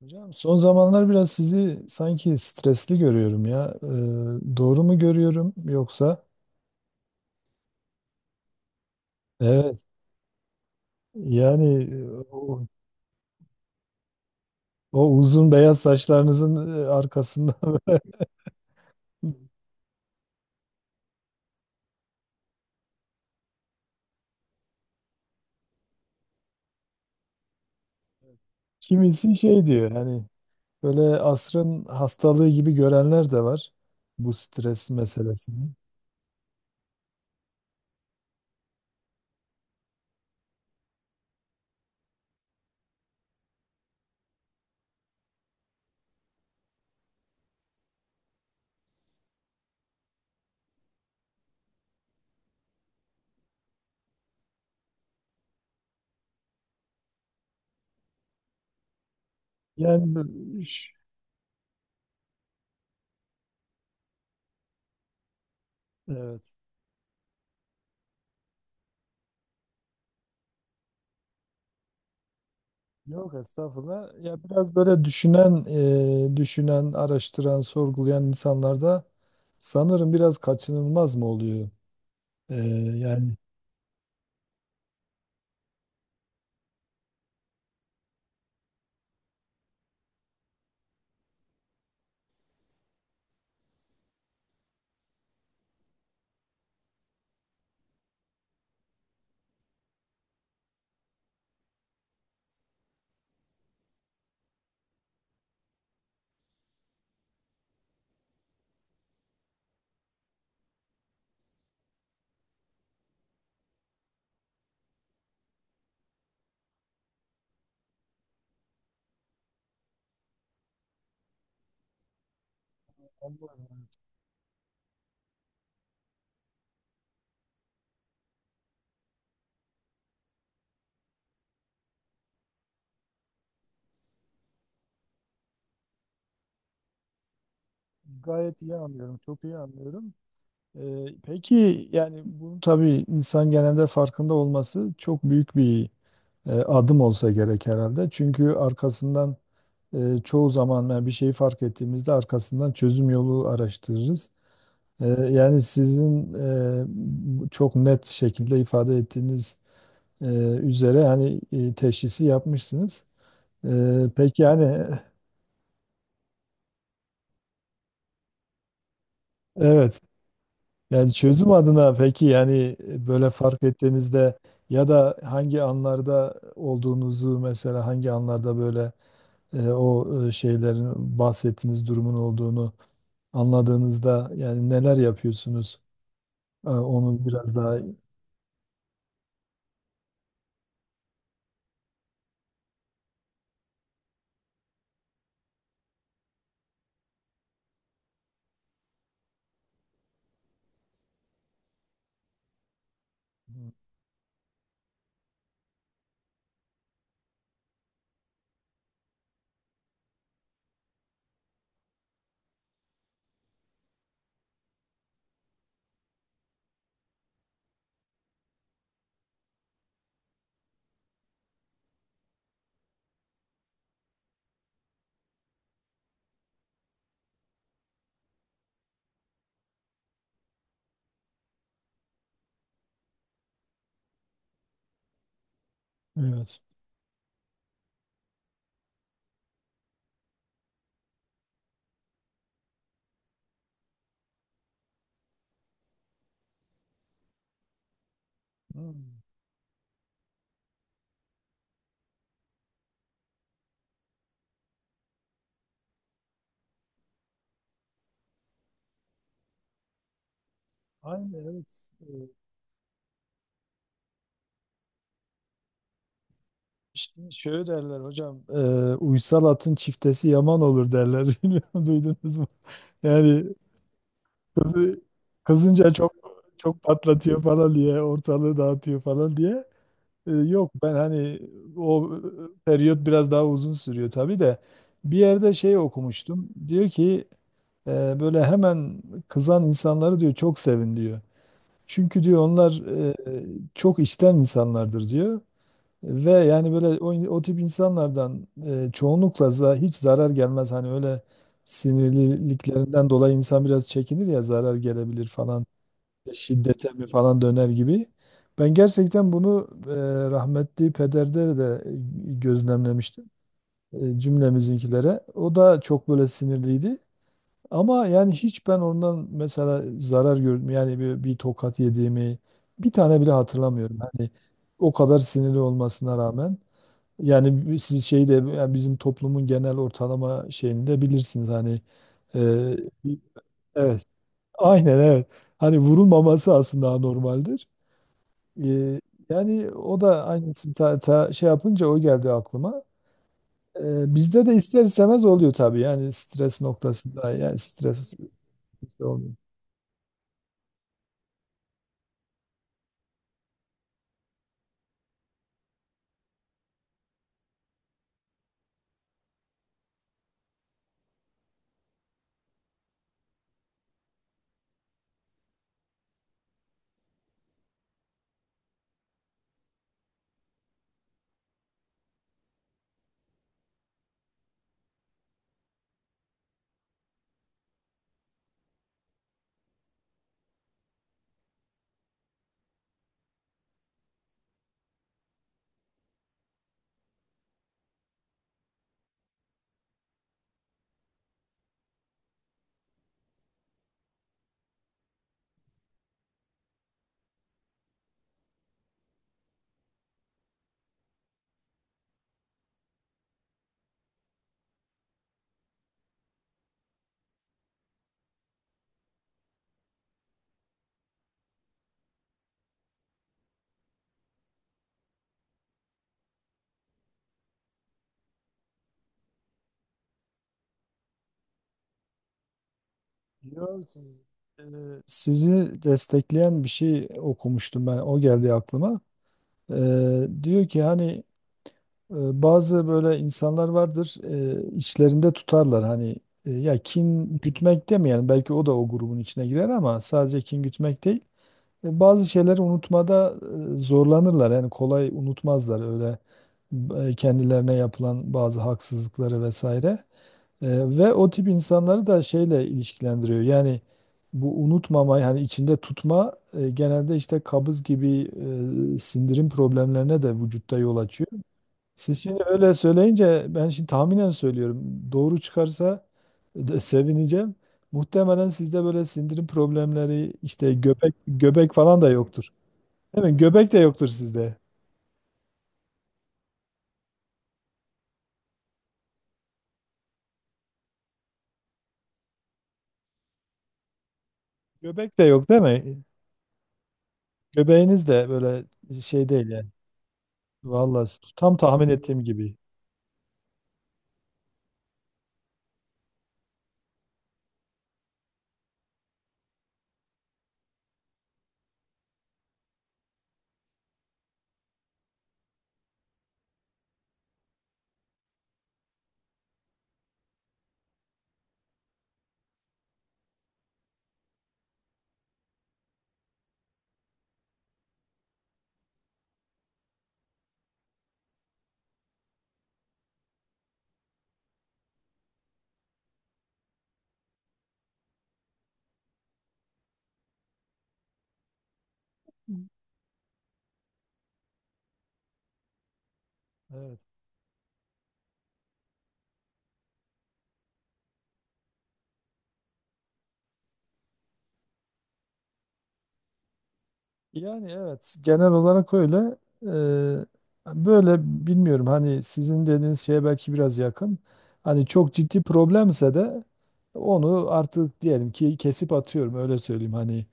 Hocam son zamanlar biraz sizi sanki stresli görüyorum ya. Doğru mu görüyorum yoksa? Evet. Yani o, o uzun beyaz saçlarınızın arkasında. Kimisi şey diyor, hani böyle asrın hastalığı gibi görenler de var bu stres meselesini. Yani bu- ş- evet. Yok estağfurullah. Ya biraz böyle düşünen, düşünen, araştıran, sorgulayan insanlarda sanırım biraz kaçınılmaz mı oluyor? Ee, yani Anladım. Gayet iyi anlıyorum, çok iyi anlıyorum. Peki, yani bunu tabii insan genelde farkında olması çok büyük bir adım olsa gerek herhalde. Çünkü arkasından çoğu zaman yani bir şeyi fark ettiğimizde arkasından çözüm yolu araştırırız. Yani sizin bu çok net şekilde ifade ettiğiniz e, üzere hani teşhisi yapmışsınız. E, peki yani evet. Yani çözüm adına, peki yani böyle fark ettiğinizde ya da hangi anlarda olduğunuzu, mesela hangi anlarda böyle şeylerin, bahsettiğiniz durumun olduğunu anladığınızda yani neler yapıyorsunuz? Onu biraz daha evet. Hmm. Aynen evet. İşte şöyle derler hocam, uysal atın çiftesi yaman olur derler. Bilmiyorum, duydunuz mu? Yani kızı, kızınca çok, çok patlatıyor falan diye, ortalığı dağıtıyor falan diye. Yok, ben hani o periyot biraz daha uzun sürüyor tabii de, bir yerde şey okumuştum. Diyor ki böyle hemen kızan insanları diyor çok sevin diyor. Çünkü diyor onlar e, çok içten insanlardır diyor. Ve yani böyle o tip insanlardan çoğunlukla za- hiç zarar gelmez. Hani öyle sinirliliklerinden dolayı insan biraz çekinir ya, zarar gelebilir falan, şiddete mi falan döner gibi. Ben gerçekten bunu rahmetli pederde de gözlemlemiştim, cümlemizinkilere. O da çok böyle sinirliydi. Ama yani hiç ben ondan mesela zarar gördüm. Yani bir, bir tokat yediğimi bir tane bile hatırlamıyorum. Hani o kadar sinirli olmasına rağmen. Yani siz şeyi de, yani bizim toplumun genel ortalama şeyini de bilirsiniz. Hani e, evet, aynen evet. Hani vurulmaması aslında normaldir. Ee, Yani o da aynısını ta, ta- şey yapınca o geldi aklıma. Bizde de ister istemez oluyor tabii, yani stres noktasında, yani stres olmuyor. Biliyor musun? Ee, Sizi destekleyen bir şey okumuştum, ben o geldi aklıma. Diyor ki hani e, bazı böyle insanlar vardır, içlerinde tutarlar hani, ya kin gütmek demeyelim, belki o da o grubun içine girer ama sadece kin gütmek değil. Bazı şeyleri unutmada zorlanırlar. Yani kolay unutmazlar öyle kendilerine yapılan bazı haksızlıkları vesaire. E, Ve o tip insanları da şeyle ilişkilendiriyor. Yani bu unutmama, yani içinde tutma genelde işte kabız gibi sindirim problemlerine de vücutta yol açıyor. Siz şimdi öyle söyleyince ben şimdi tahminen söylüyorum. Doğru çıkarsa de sevineceğim. Muhtemelen sizde böyle sindirim problemleri, işte göbek göbek falan da yoktur. Değil mi? Göbek de yoktur sizde. Göbek de yok değil mi? Göbeğiniz de böyle şey değil yani. Vallahi tam tahmin ettiğim gibi. Evet. Yani evet, genel olarak öyle. Böyle bilmiyorum, hani sizin dediğiniz şeye belki biraz yakın. Hani çok ciddi problemse de onu artık diyelim ki kesip atıyorum, öyle söyleyeyim hani.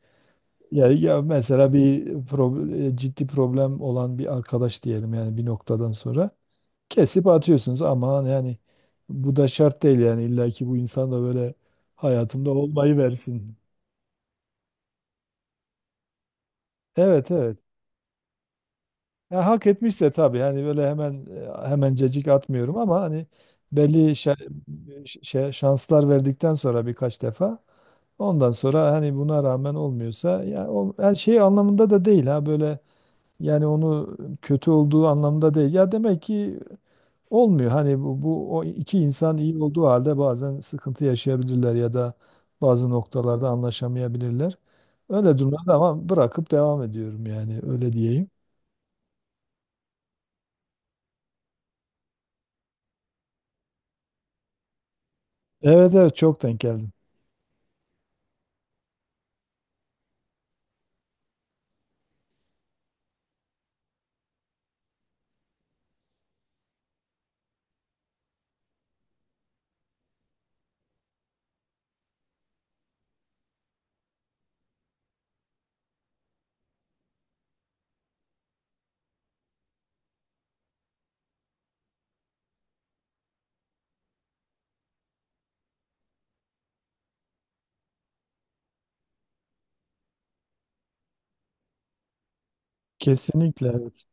Ya, ya mesela bir prob- ciddi problem olan bir arkadaş diyelim, yani bir noktadan sonra kesip atıyorsunuz ama yani bu da şart değil, yani illa ki bu insan da böyle hayatımda olmayı versin. Evet, evet. Ya hak etmişse tabii, hani böyle hemen hemen cecik atmıyorum ama hani belli şanslar verdikten sonra birkaç defa, ondan sonra hani buna rağmen olmuyorsa ya ol- her şey anlamında da değil ha, böyle yani onu kötü olduğu anlamda değil. Ya demek ki olmuyor hani bu o iki insan iyi olduğu halde bazen sıkıntı yaşayabilirler ya da bazı noktalarda anlaşamayabilirler. Öyle durumlarda ama bırakıp devam ediyorum, yani öyle diyeyim. Evet, evet, çok denk geldi. Kesinlikle evet.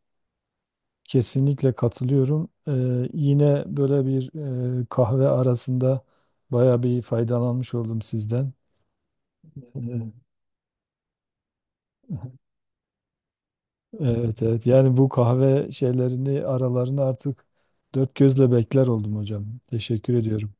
Kesinlikle katılıyorum. Yine böyle bir kahve arasında baya bir faydalanmış oldum sizden. Evet, evet. Yani bu kahve şeylerini aralarını artık dört gözle bekler oldum hocam. Teşekkür ediyorum.